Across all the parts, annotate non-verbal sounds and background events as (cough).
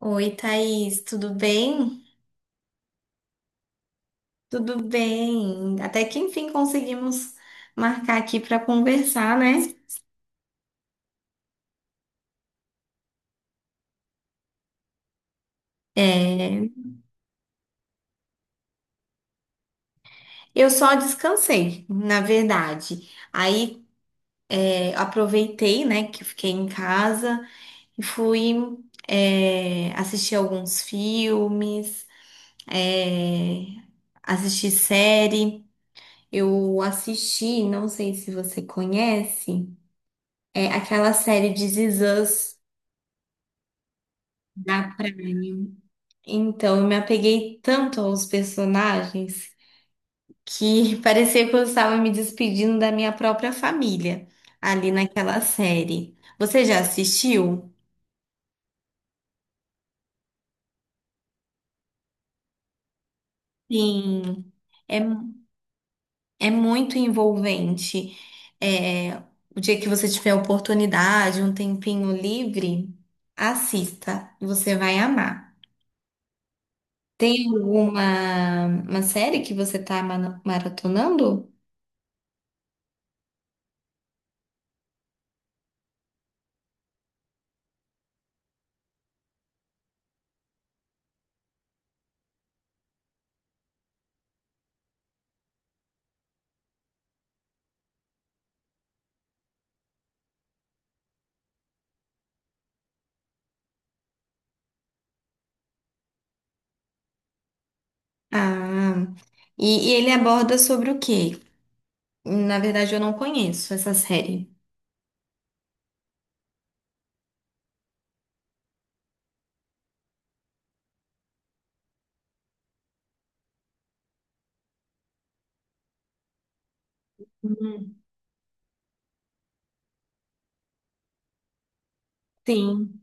Oi, Thaís, tudo bem? Tudo bem. Até que enfim conseguimos marcar aqui para conversar, né? É, eu só descansei, na verdade. Aí aproveitei, né, que eu fiquei em casa e fui assistir alguns filmes, é, assistir série. Eu assisti, não sei se você conhece, é aquela série de This Is Us da Prime. Então, eu me apeguei tanto aos personagens que (laughs) parecia que eu estava me despedindo da minha própria família ali naquela série. Você já assistiu? Sim, é, é muito envolvente. É, o dia que você tiver oportunidade, um tempinho livre, assista, você vai amar. Tem alguma uma série que você está maratonando? Ah, e ele aborda sobre o quê? Na verdade, eu não conheço essa série. Hum. Sim.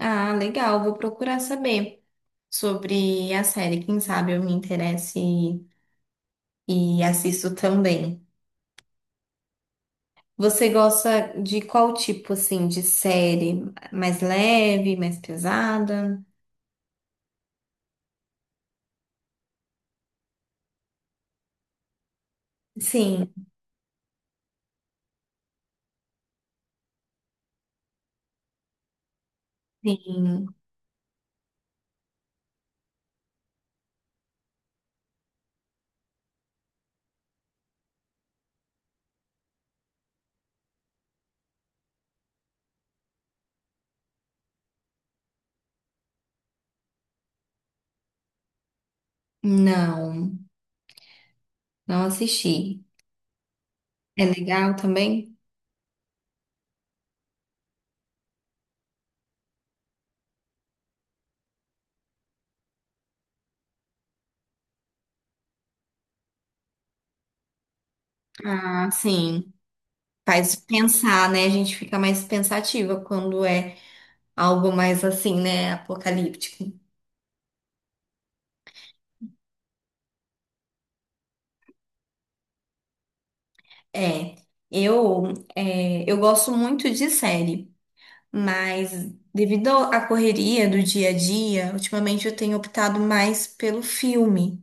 Ah, legal. Vou procurar saber sobre a série. Quem sabe eu me interesse e assisto também. Você gosta de qual tipo, assim, de série? Mais leve, mais pesada? Sim, sim. Não, não assisti. É legal também? Ah, sim. Faz pensar, né? A gente fica mais pensativa quando é algo mais assim, né? Apocalíptico. É, eu, eu gosto muito de série, mas devido à correria do dia a dia, ultimamente eu tenho optado mais pelo filme,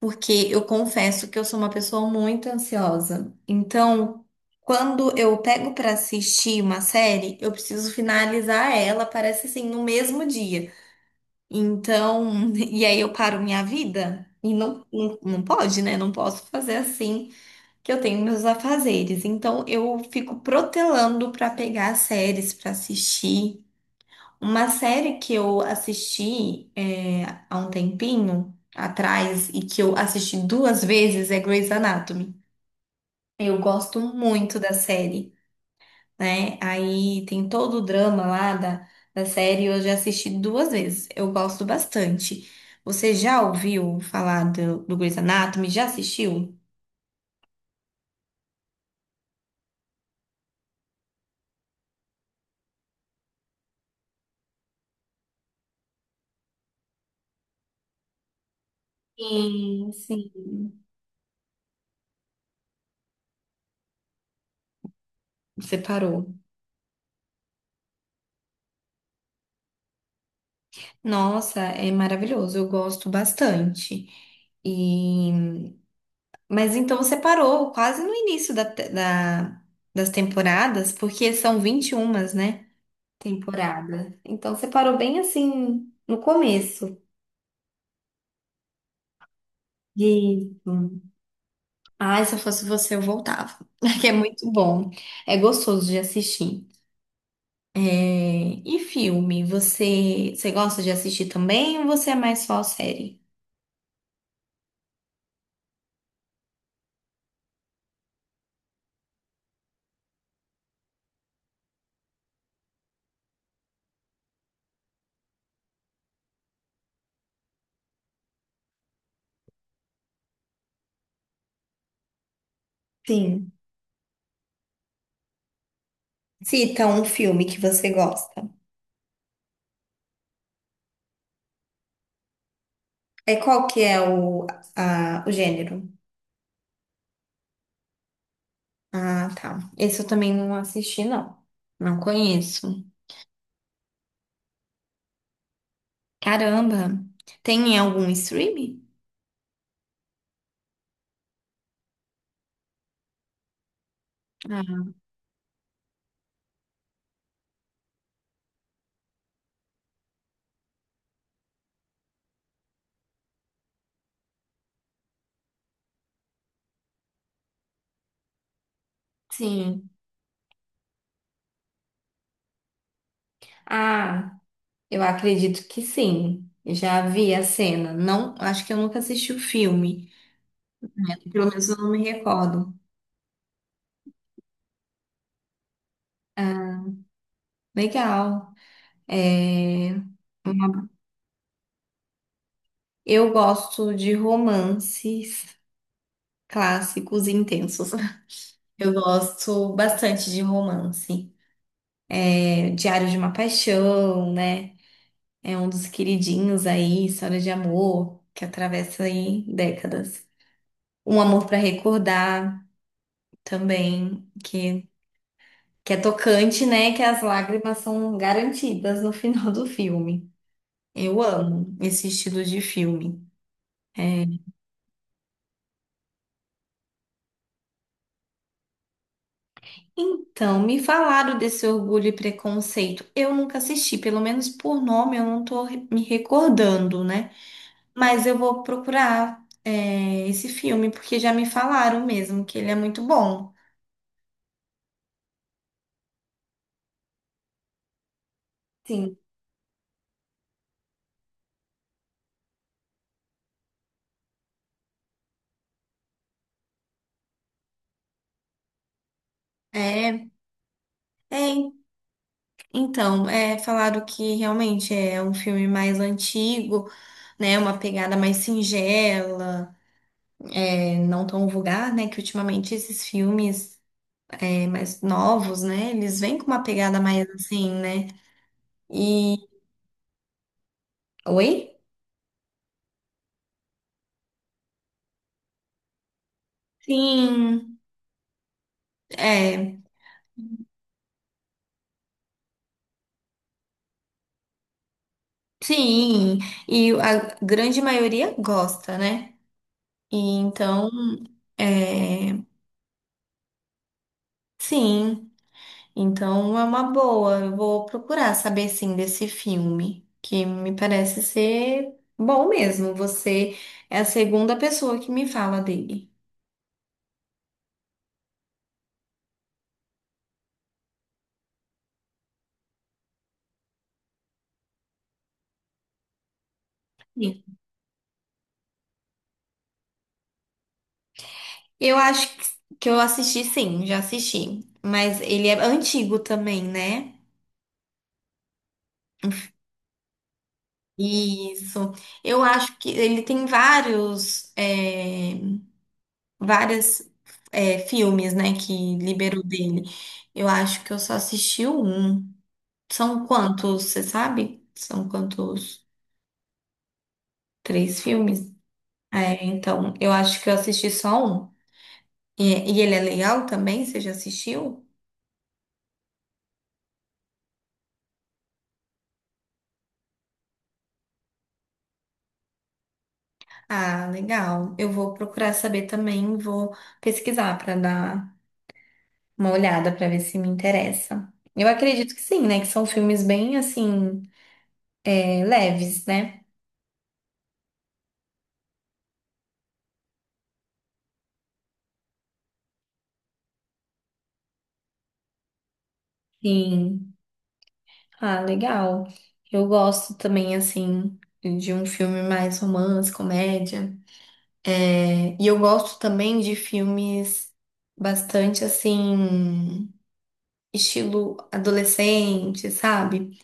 porque eu confesso que eu sou uma pessoa muito ansiosa. Então, quando eu pego para assistir uma série, eu preciso finalizar ela, parece assim, no mesmo dia. Então, (laughs) e aí eu paro minha vida? E não, não, não pode, né? Não posso fazer assim que eu tenho meus afazeres. Então eu fico protelando para pegar as séries para assistir. Uma série que eu assisti há um tempinho atrás e que eu assisti duas vezes é Grey's Anatomy. Eu gosto muito da série, né? Aí tem todo o drama lá da série, eu já assisti duas vezes. Eu gosto bastante. Você já ouviu falar do Grey's Anatomy? Já assistiu? Sim, sim. Você parou. Nossa, é maravilhoso, eu gosto bastante. E... Mas então você parou quase no início das temporadas, porque são 21, né? Temporada. Então você parou bem assim no começo. E hum, ai, se eu fosse você, eu voltava. (laughs) Que é muito bom. É gostoso de assistir. É, e filme, você gosta de assistir também ou você é mais só série? Sim. Cita um filme que você gosta. É qual que é o gênero? Ah, tá. Esse eu também não assisti, não. Não conheço. Caramba. Tem em algum streaming? Ah, sim. Ah, eu acredito que sim. Já vi a cena. Não, acho que eu nunca assisti o filme. Pelo menos eu não me recordo. Legal. É, eu gosto de romances clássicos e intensos. (laughs) Eu gosto bastante de romance. Diário de uma Paixão, né? É um dos queridinhos aí, história de amor, que atravessa aí décadas. Um Amor para Recordar também, que é tocante, né? Que as lágrimas são garantidas no (laughs) final do filme. Eu amo esse estilo de filme. É. Então, me falaram desse Orgulho e Preconceito. Eu nunca assisti, pelo menos por nome eu não tô me recordando, né? Mas eu vou procurar, esse filme, porque já me falaram mesmo que ele é muito bom. Sim. É, é, então, falaram que realmente é um filme mais antigo, né? Uma pegada mais singela, não tão vulgar, né? Que ultimamente esses filmes mais novos, né? Eles vêm com uma pegada mais assim, né? E Oi? sim, é, sim. E a grande maioria gosta, né? E então. É, sim, então é uma boa. Eu vou procurar saber sim desse filme, que me parece ser bom mesmo. Você é a segunda pessoa que me fala dele. Sim. Eu acho que eu assisti sim, já assisti, mas ele é antigo também, né? Isso. Eu acho que ele tem vários, várias, filmes, né, que liberou dele. Eu acho que eu só assisti um. São quantos, você sabe? São quantos? Três filmes? É, então, eu acho que eu assisti só um. E, e ele é legal também? Você já assistiu? Ah, legal. Eu vou procurar saber também, vou pesquisar para dar uma olhada para ver se me interessa. Eu acredito que sim, né? Que são filmes bem assim, leves, né? Sim. Ah, legal. Eu gosto também, assim, de um filme mais romance, comédia. É, e eu gosto também de filmes bastante assim, estilo adolescente, sabe?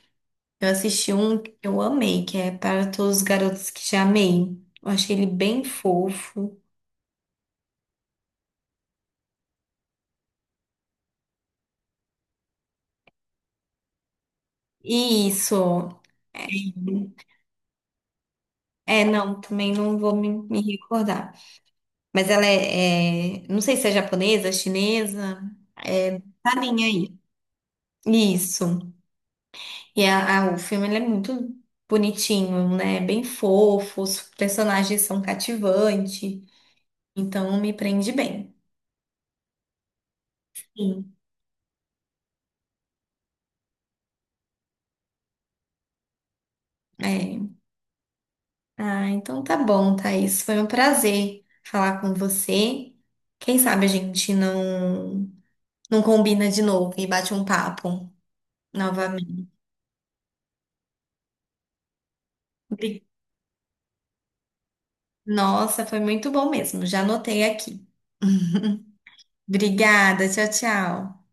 Eu assisti um que eu amei, que é Para Todos os Garotos que Já Amei. Eu achei ele bem fofo. E isso. É, não, também não vou me recordar. Mas ela não sei se é japonesa, chinesa. É. Tá nem aí. Isso. E o filme ele é muito bonitinho, né? Bem fofo, os personagens são cativantes, então me prende bem. Sim. É. Ah, então tá bom, Thaís. Foi um prazer falar com você. Quem sabe a gente não, não combina de novo e bate um papo novamente. Obri- Nossa, foi muito bom mesmo. Já anotei aqui. (laughs) Obrigada, tchau, tchau.